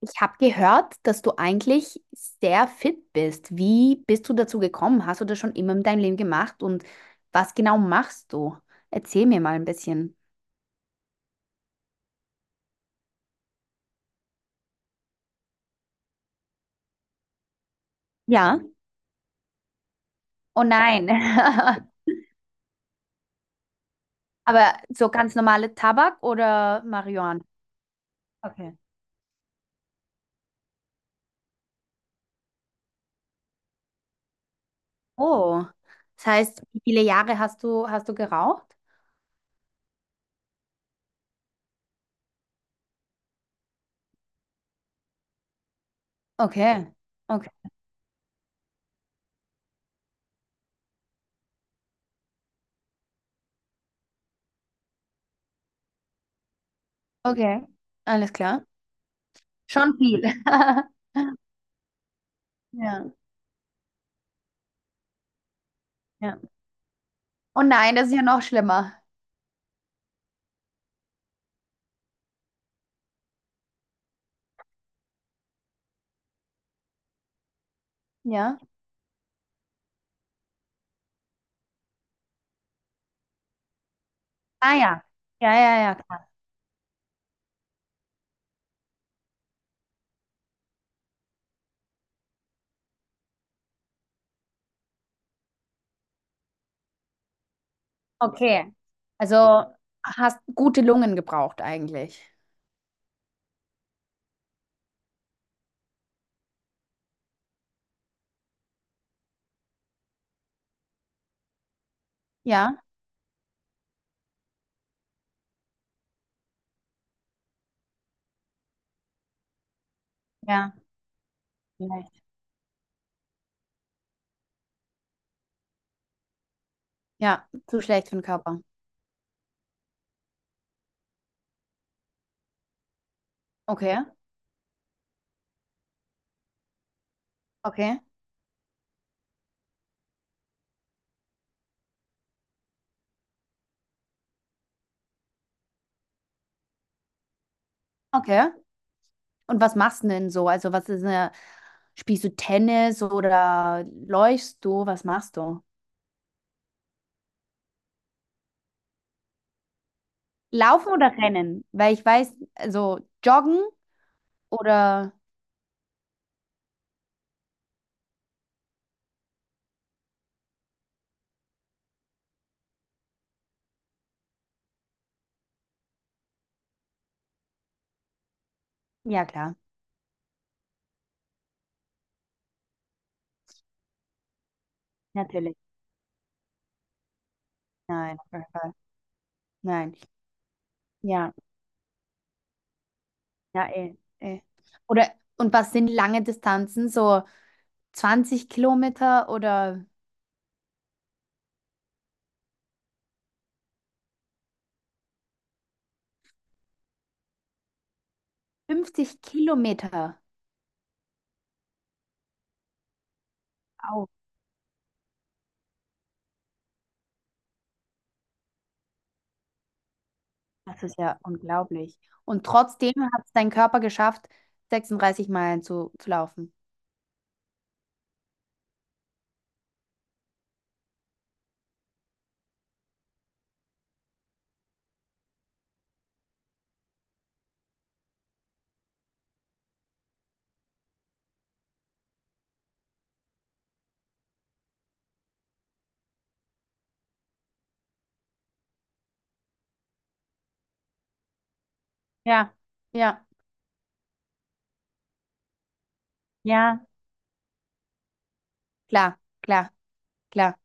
Ich habe gehört, dass du eigentlich sehr fit bist. Wie bist du dazu gekommen? Hast du das schon immer in deinem Leben gemacht? Und was genau machst du? Erzähl mir mal ein bisschen. Ja. Oh nein. Aber so ganz normale Tabak oder Marihuana? Okay. Oh. Das heißt, wie viele Jahre hast du geraucht? Okay. Okay. Okay. Alles klar. Schon viel. Ja, ja. Oh nein, das ist ja noch schlimmer. Ja. Ah ja. Ja, ja, ja. Okay. Also hast gute Lungen gebraucht eigentlich. Ja, ja, vielleicht. Ja, zu schlecht für den Körper. Okay, okay, okay. Und was machst du denn so? Also was ist spielst du Tennis oder läufst du? Was machst du? Laufen oder rennen? Weil ich weiß, also joggen oder ja klar, natürlich. Nein, auf jeden Fall. Nein. Ja, ja, eh, eh. Oder und was sind lange Distanzen? So 20 Kilometer oder 50 Kilometer. Au, das ist ja unglaublich. Und trotzdem hat es dein Körper geschafft, 36 Meilen zu laufen. Ja, ja, ja, klar, klar, klar.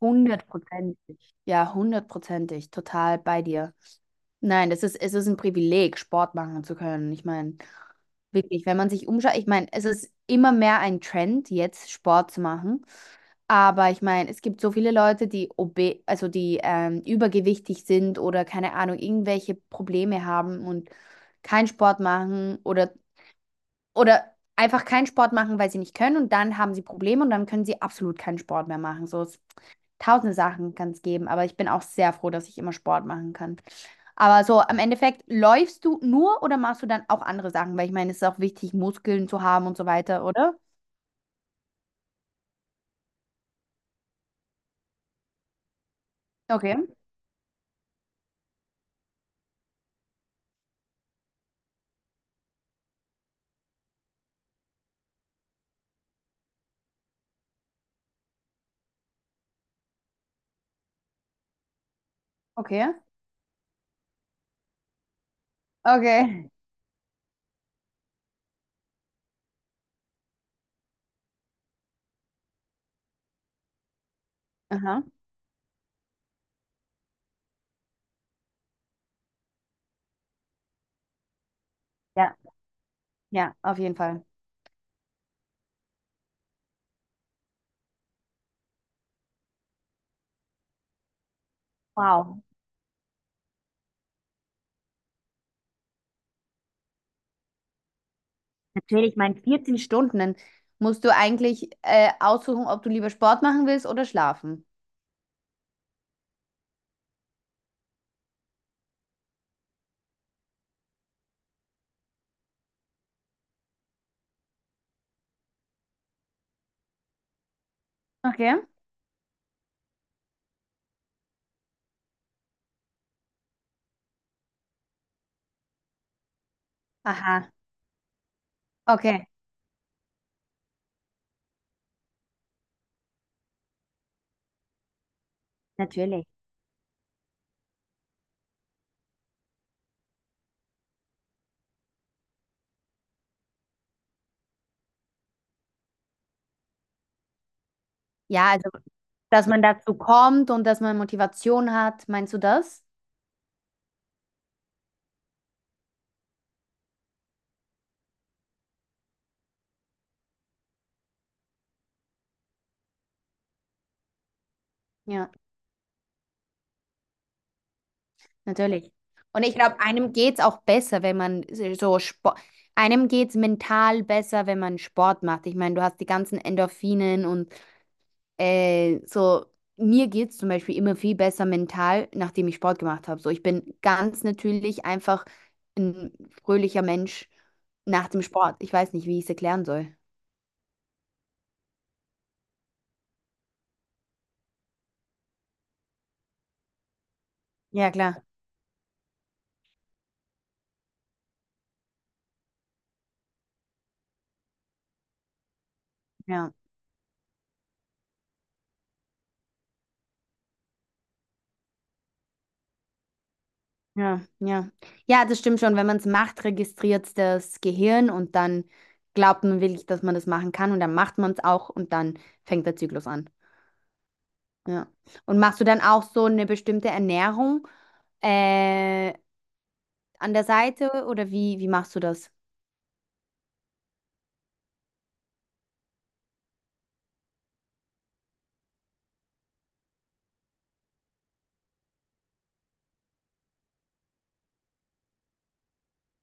Hundertprozentig. Ja, hundertprozentig. Total bei dir. Nein, das ist, es ist ein Privileg, Sport machen zu können. Ich meine, wirklich, wenn man sich umschaut, ich meine, es ist immer mehr ein Trend, jetzt Sport zu machen. Aber ich meine, es gibt so viele Leute, also die übergewichtig sind oder keine Ahnung, irgendwelche Probleme haben und keinen Sport machen oder einfach keinen Sport machen, weil sie nicht können und dann haben sie Probleme und dann können sie absolut keinen Sport mehr machen. So tausende Sachen kann es geben, aber ich bin auch sehr froh, dass ich immer Sport machen kann. Aber so im Endeffekt, läufst du nur oder machst du dann auch andere Sachen? Weil ich meine, es ist auch wichtig, Muskeln zu haben und so weiter, oder? Okay, okay, okay. Aha. Ja, ja, auf jeden Fall. Wow. Natürlich, ich meine, 14 Stunden, dann musst du eigentlich aussuchen, ob du lieber Sport machen willst oder schlafen. Okay. Aha. Okay. Natürlich. Ja, also, dass man dazu kommt und dass man Motivation hat. Meinst du das? Ja, natürlich. Und ich glaube, einem geht's auch besser, wenn man so Sport, einem geht's mental besser, wenn man Sport macht. Ich meine, du hast die ganzen Endorphinen und so. Mir geht's zum Beispiel immer viel besser mental, nachdem ich Sport gemacht habe. So, ich bin ganz natürlich einfach ein fröhlicher Mensch nach dem Sport. Ich weiß nicht, wie ich es erklären soll. Ja, klar. Ja. Ja, ja. Ja, das stimmt schon. Wenn man es macht, registriert das Gehirn und dann glaubt man wirklich, dass man das machen kann und dann macht man es auch und dann fängt der Zyklus an. Ja. Und machst du dann auch so eine bestimmte Ernährung äh, an der Seite oder wie machst du das?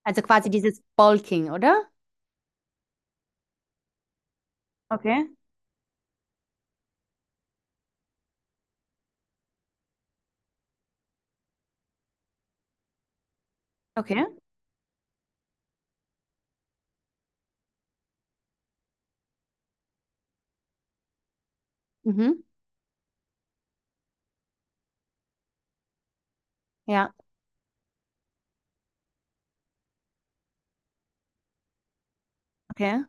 Also quasi dieses Bulking, oder? Okay, okay, mhm, ja. Okay.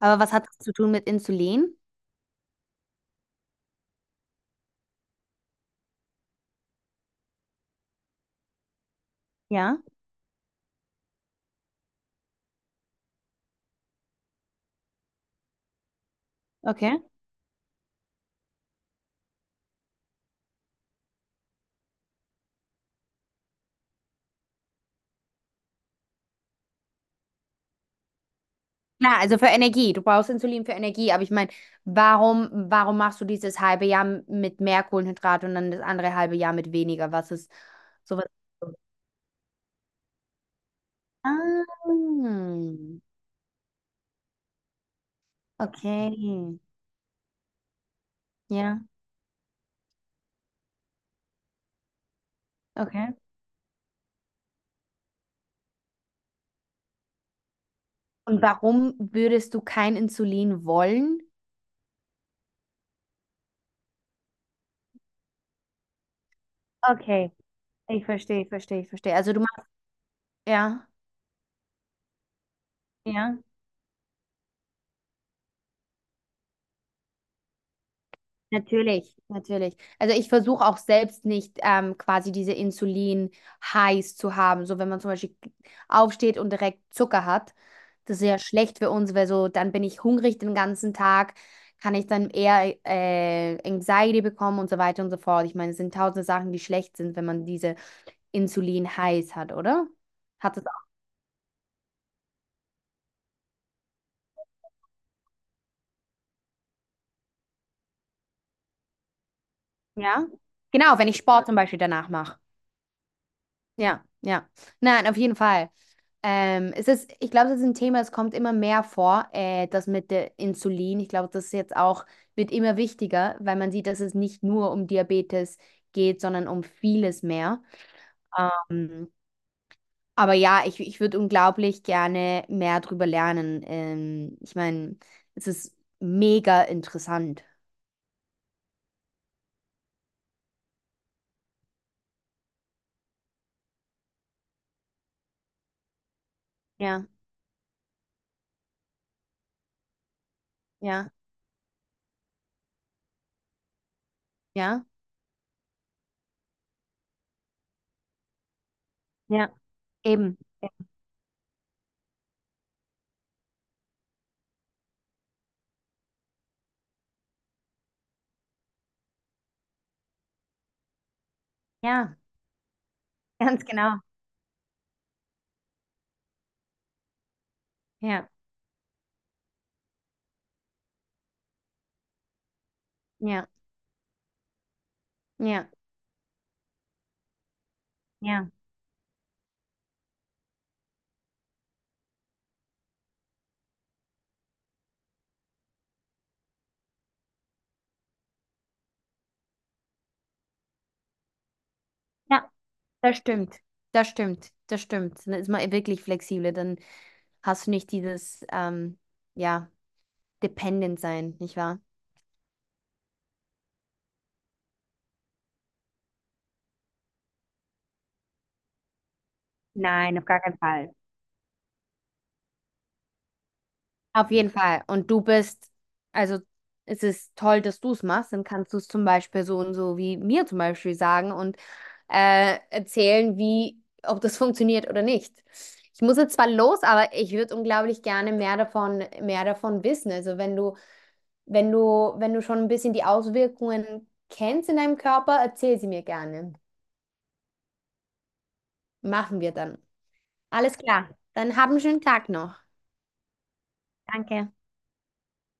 Aber was hat das zu tun mit Insulin? Ja. Okay. Klar, also für Energie. Du brauchst Insulin für Energie, aber ich meine, warum machst du dieses halbe Jahr mit mehr Kohlenhydrate und dann das andere halbe Jahr mit weniger? Was ist sowas? Ah, okay. Ja, okay. Und warum würdest du kein Insulin wollen? Okay, ich verstehe, ich verstehe, ich verstehe. Also du machst, ja, ja. Natürlich, natürlich. Also ich versuche auch selbst nicht quasi diese Insulin-Highs zu haben. So wenn man zum Beispiel aufsteht und direkt Zucker hat, das ist ja schlecht für uns, weil so dann bin ich hungrig den ganzen Tag, kann ich dann eher Anxiety bekommen und so weiter und so fort. Ich meine, es sind tausende Sachen, die schlecht sind, wenn man diese Insulin-Highs hat, oder? Hat es auch, ja? Genau, wenn ich Sport zum Beispiel danach mache. Ja, ja. Nein, auf jeden Fall. Es ist, ich glaube, das ist ein Thema, das kommt immer mehr vor, das mit der Insulin. Ich glaube, das ist jetzt auch, wird immer wichtiger, weil man sieht, dass es nicht nur um Diabetes geht, sondern um vieles mehr. Ähm, aber ja, ich würde unglaublich gerne mehr drüber lernen. Ich meine, es ist mega interessant. Ja, ja, ja, ja, eben. Ja, ganz genau. Ja, ja, ja, ja. Ja. Das stimmt, das stimmt, das stimmt. Dann ist man wirklich flexibel, dann hast du nicht dieses, ja, dependent sein, nicht wahr? Nein, auf gar keinen Fall. Auf jeden Fall. Und du bist, also es ist toll, dass du es machst, dann kannst du es zum Beispiel so und so wie mir zum Beispiel sagen und erzählen, ob das funktioniert oder nicht. Ich muss jetzt zwar los, aber ich würde unglaublich gerne mehr davon wissen. Also wenn du schon ein bisschen die Auswirkungen kennst in deinem Körper, erzähl sie mir gerne. Machen wir dann. Alles klar. Dann hab einen schönen Tag noch. Danke.